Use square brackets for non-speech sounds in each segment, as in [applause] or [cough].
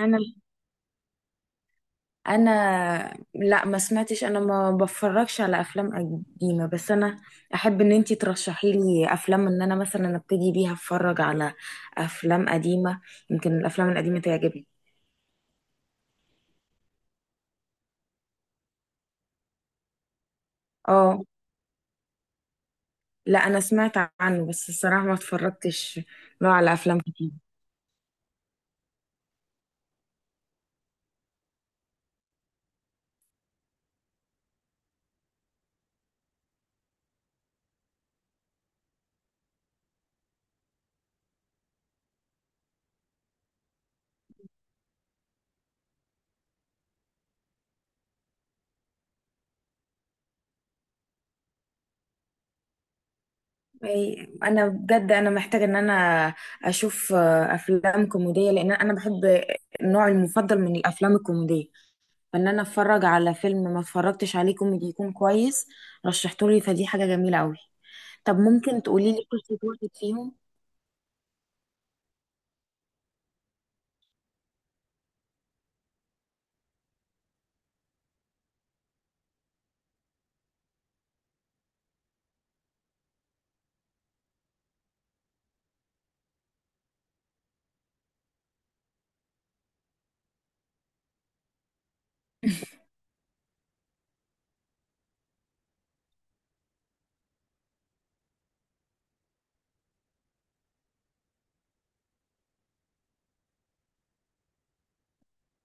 انا انا لا، ما سمعتش. انا ما بفرجش على افلام قديمه، بس انا احب ان انتي ترشحي لي افلام ان انا مثلا ابتدي بيها اتفرج على افلام قديمه. يمكن الافلام القديمه تعجبني. اه، لا، انا سمعت عنه بس الصراحه ما اتفرجتش له على افلام كتير. انا بجد محتاجه ان انا اشوف افلام كوميديه لان انا بحب النوع المفضل من الافلام الكوميديه. فان انا اتفرج على فيلم ما اتفرجتش عليه كوميدي يكون كويس. رشحتولي فدي حاجه جميله قوي. طب ممكن تقولي لي قصه واحد فيهم؟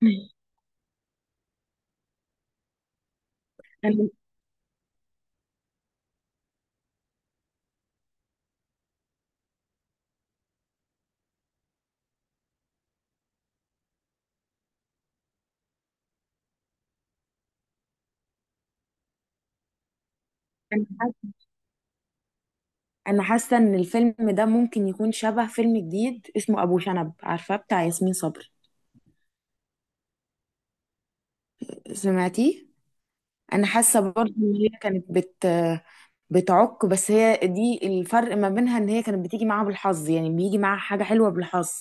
[laughs] انا انا حاسه انا حاسه ان الفيلم ده ممكن يكون شبه فيلم جديد اسمه ابو شنب، عارفاه بتاع ياسمين صبري؟ سمعتيه؟ انا حاسه برضه ان هي كانت بتعك، بس هي دي الفرق ما بينها، ان هي كانت بتيجي معاها بالحظ، يعني بيجي معاها حاجه حلوه بالحظ.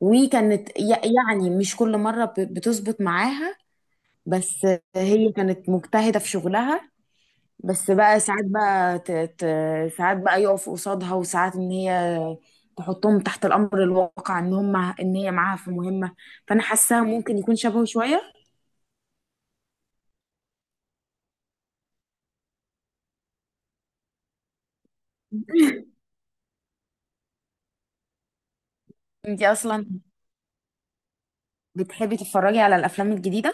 وكانت يعني مش كل مره بتظبط معاها. بس هي كانت مجتهدة في شغلها. بس بقى ساعات بقى ساعات بقى يقف قصادها، وساعات ان هي تحطهم تحت الامر الواقع ان هم ان هي معاها في مهمة. فانا حاساها ممكن يكون شبهه شوية. انتي اصلا بتحبي تتفرجي على الافلام الجديدة؟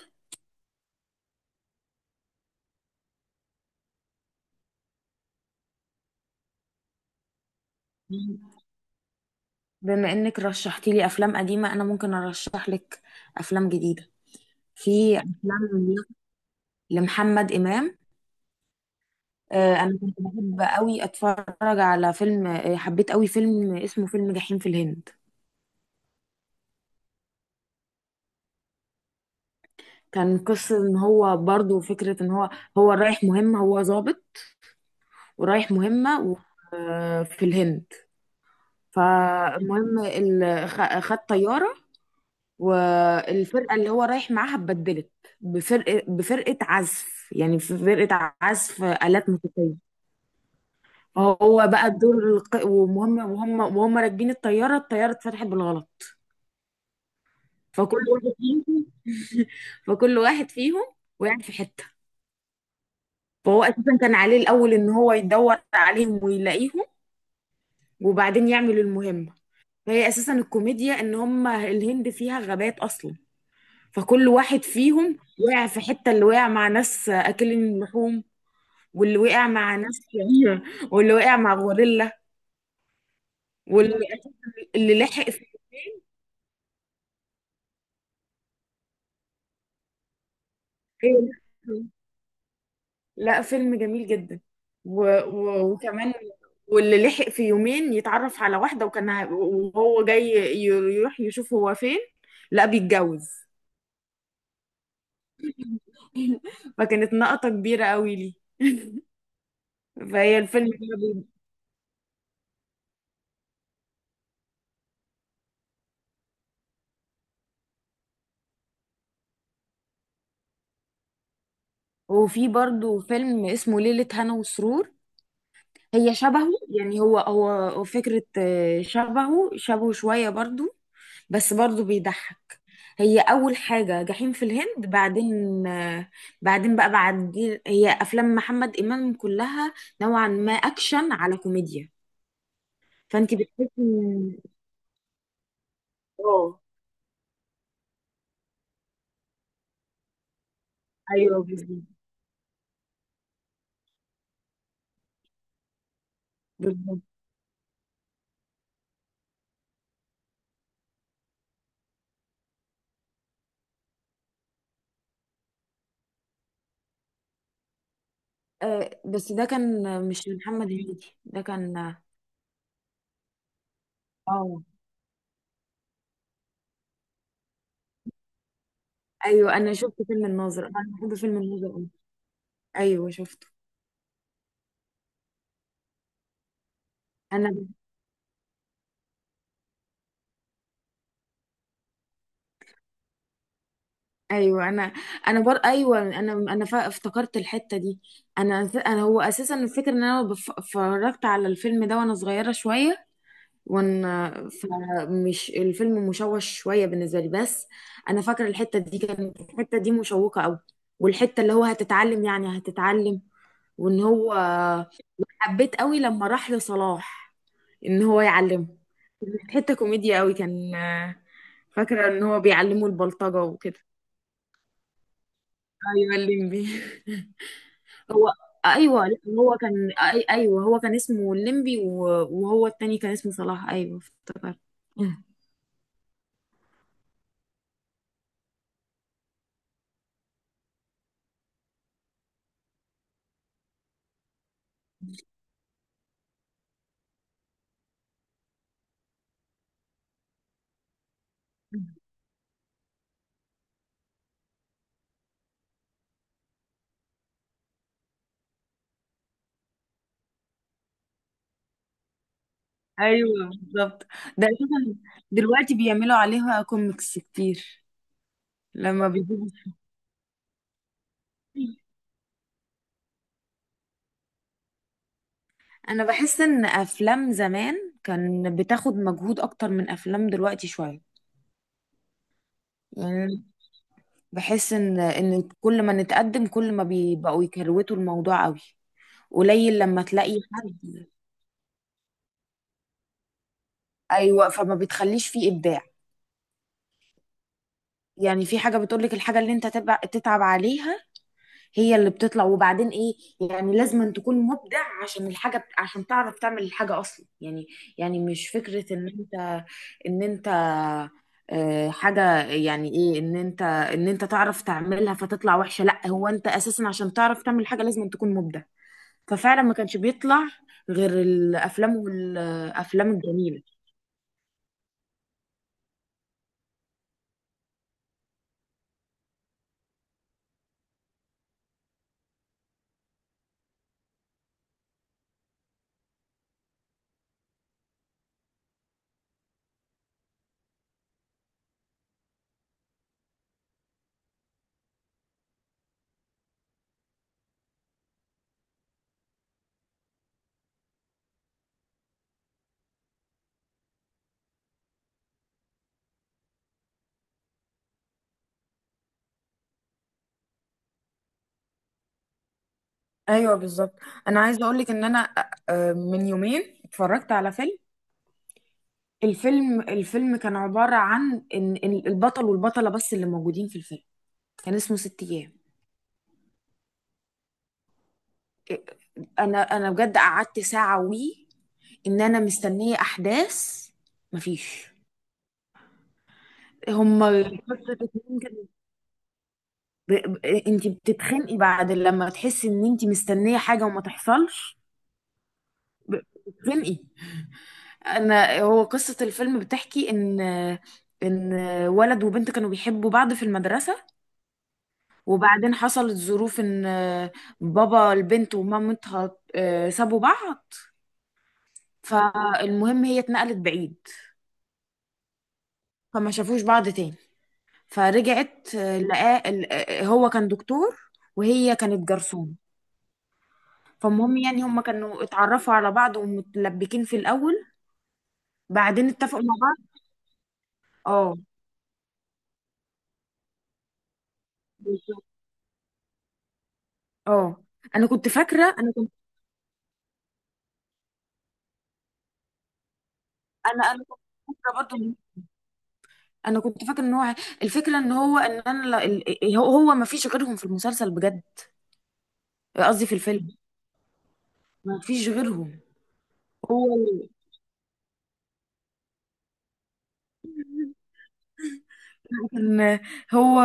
مم. بما انك رشحتي لي افلام قديمة، انا ممكن ارشح لك افلام جديدة. في افلام لمحمد امام. انا كنت بحب قوي اتفرج على فيلم. حبيت قوي فيلم اسمه فيلم جحيم في الهند. كان قصة ان هو، برضو فكرة ان هو رايح مهمة، هو ضابط. ورايح مهمة في الهند. فالمهم خد طيارة. والفرقة اللي هو رايح معاها اتبدلت بفرقة عزف، يعني في فرقة عزف آلات موسيقية. هو بقى الدور ومهم، وهم راكبين الطيارة اتفتحت بالغلط. فكل واحد فيهم [laughs] فكل واحد فيهم وقع في حتة. فهو أساسا كان عليه الأول إن هو يدور عليهم ويلاقيهم وبعدين يعمل المهمة. فهي أساسا الكوميديا إن هما الهند فيها غابات أصلا. فكل واحد فيهم وقع في حتة، اللي وقع مع ناس أكلين لحوم، واللي وقع مع ناس [laughs] شريرة، واللي وقع مع غوريلا، واللي أساساً اللي لحق في الخيل. لا، فيلم جميل جدا. وكمان، واللي لحق في يومين يتعرف على واحدة، وكان وهو جاي يروح يشوف هو فين. لا، بيتجوز. [laughs] فكانت نقطة كبيرة قوي لي. فهي الفيلم ده [laughs] وفي برضو فيلم اسمه ليلة هنا وسرور. هي شبهه، يعني هو فكرة، شبهه شوية برضو، بس برضو بيضحك. هي اول حاجه جحيم في الهند، بعدين بعدين بقى بعد. هي افلام محمد امام كلها نوعا ما اكشن على كوميديا. فانت بتحسي اه. ايوه بالظبط. بالظبط. بس ده كان، مش محمد هنيدي، ده كان اه. آه، ايوه، انا شفت فيلم الناظر، انا بحب فيلم الناظر أوي. ايوه شفته. انا ايوه، انا انا بر ايوه، افتكرت الحته دي. انا، هو اساسا الفكره ان انا اتفرجت على الفيلم ده وانا صغيره شويه، وانا فمش الفيلم مشوش شويه بالنسبه لي، بس انا فاكره الحته دي، كانت الحته دي مشوقه قوي. والحته اللي هو هتتعلم، يعني هتتعلم. وان هو، حبيت قوي لما راح لصلاح ان هو يعلمه. حته كوميديا قوي كان. فاكره ان هو بيعلمه البلطجه وكده. ايوه الليمبي. [laughs] هو ايوه، لا، ايوه، هو كان اسمه الليمبي، و... وهو التاني كان اسمه صلاح. ايوه افتكرت. [laughs] ايوه بالظبط. ده أساساً دلوقتي بيعملوا عليها كوميكس كتير. لما بيجيبوا. [laughs] انا بحس ان افلام زمان كان بتاخد مجهود اكتر من افلام دلوقتي شويه. يعني بحس ان كل ما نتقدم، كل ما بيبقوا يكروتوا الموضوع قوي. قليل لما تلاقي حد. ايوه، فما بتخليش فيه ابداع. يعني في حاجة بتقولك الحاجة اللي انت تتعب عليها هي اللي بتطلع. وبعدين ايه، يعني لازم أن تكون مبدع عشان الحاجة عشان تعرف تعمل الحاجة اصلا، يعني. يعني مش فكرة ان انت حاجة، يعني ايه ان انت ان انت تعرف تعملها فتطلع وحشة. لا، هو انت اساسا عشان تعرف تعمل حاجة لازم أن تكون مبدع. ففعلا ما كانش بيطلع غير الافلام والافلام الجميلة. ايوه بالظبط. انا عايزه اقول لك ان انا من يومين اتفرجت على فيلم. الفيلم كان عبارة عن إن البطل والبطلة بس اللي موجودين في الفيلم. كان اسمه ست أيام. أنا بجد قعدت ساعة وي، إن أنا مستنية أحداث. مفيش. هما قصة اتنين كده. انت بتتخنقي بعد لما تحسي ان انت مستنية حاجة وما تحصلش. ب- بتتخنقي. انا، هو قصة الفيلم بتحكي ان ولد وبنت كانوا بيحبوا بعض في المدرسة. وبعدين حصلت ظروف ان، بابا البنت ومامتها، سابوا بعض. فالمهم هي اتنقلت بعيد، فما شافوش بعض تاني. فرجعت لقاه هو كان دكتور، وهي كانت جرسون. فالمهم يعني هما كانوا اتعرفوا على بعض ومتلبكين في الاول، بعدين اتفقوا مع بعض. اه، بالظبط. اه. انا كنت فاكره، انا كنت، انا كنت فاكره برضه انا كنت فاكره ان هو الفكره ان هو، ان انا لا- ال- هو ما فيش غيرهم في المسلسل، بجد، قصدي في الفيلم، ما فيش غيرهم. هو ال- ان هو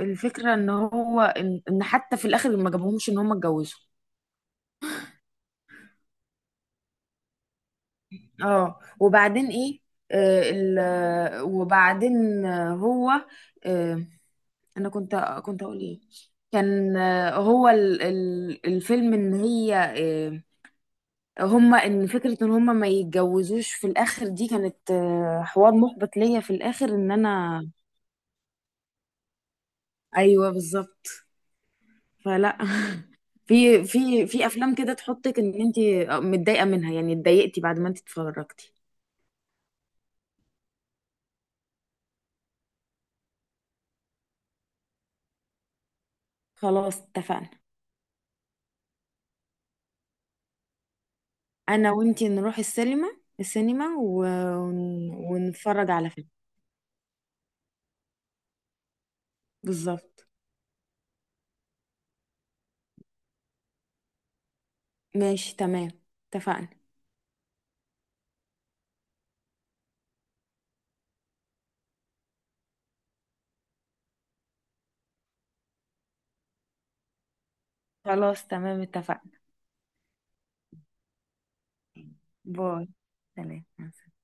الفكرة ان هو إن حتى في الاخر ما جابهمش ان هم اتجوزوا. اه، وبعدين ايه. آه ال آه، وبعدين هو، آه، انا كنت اقول ايه. كان هو ال الفيلم ان هي، آه، هما، فكرة ان هما ما يتجوزوش في الاخر، دي كانت حوار محبط ليا في الاخر ان انا. ايوه بالظبط. فلا، في افلام كده تحطك ان انت متضايقه منها، يعني اتضايقتي بعد ما انت اتفرجتي. خلاص اتفقنا. انا وانت نروح السينما ونتفرج على فيلم. بالظبط. ماشي تمام. اتفقنا. خلاص تمام. اتفقنا. باي. سلام مع السلامة.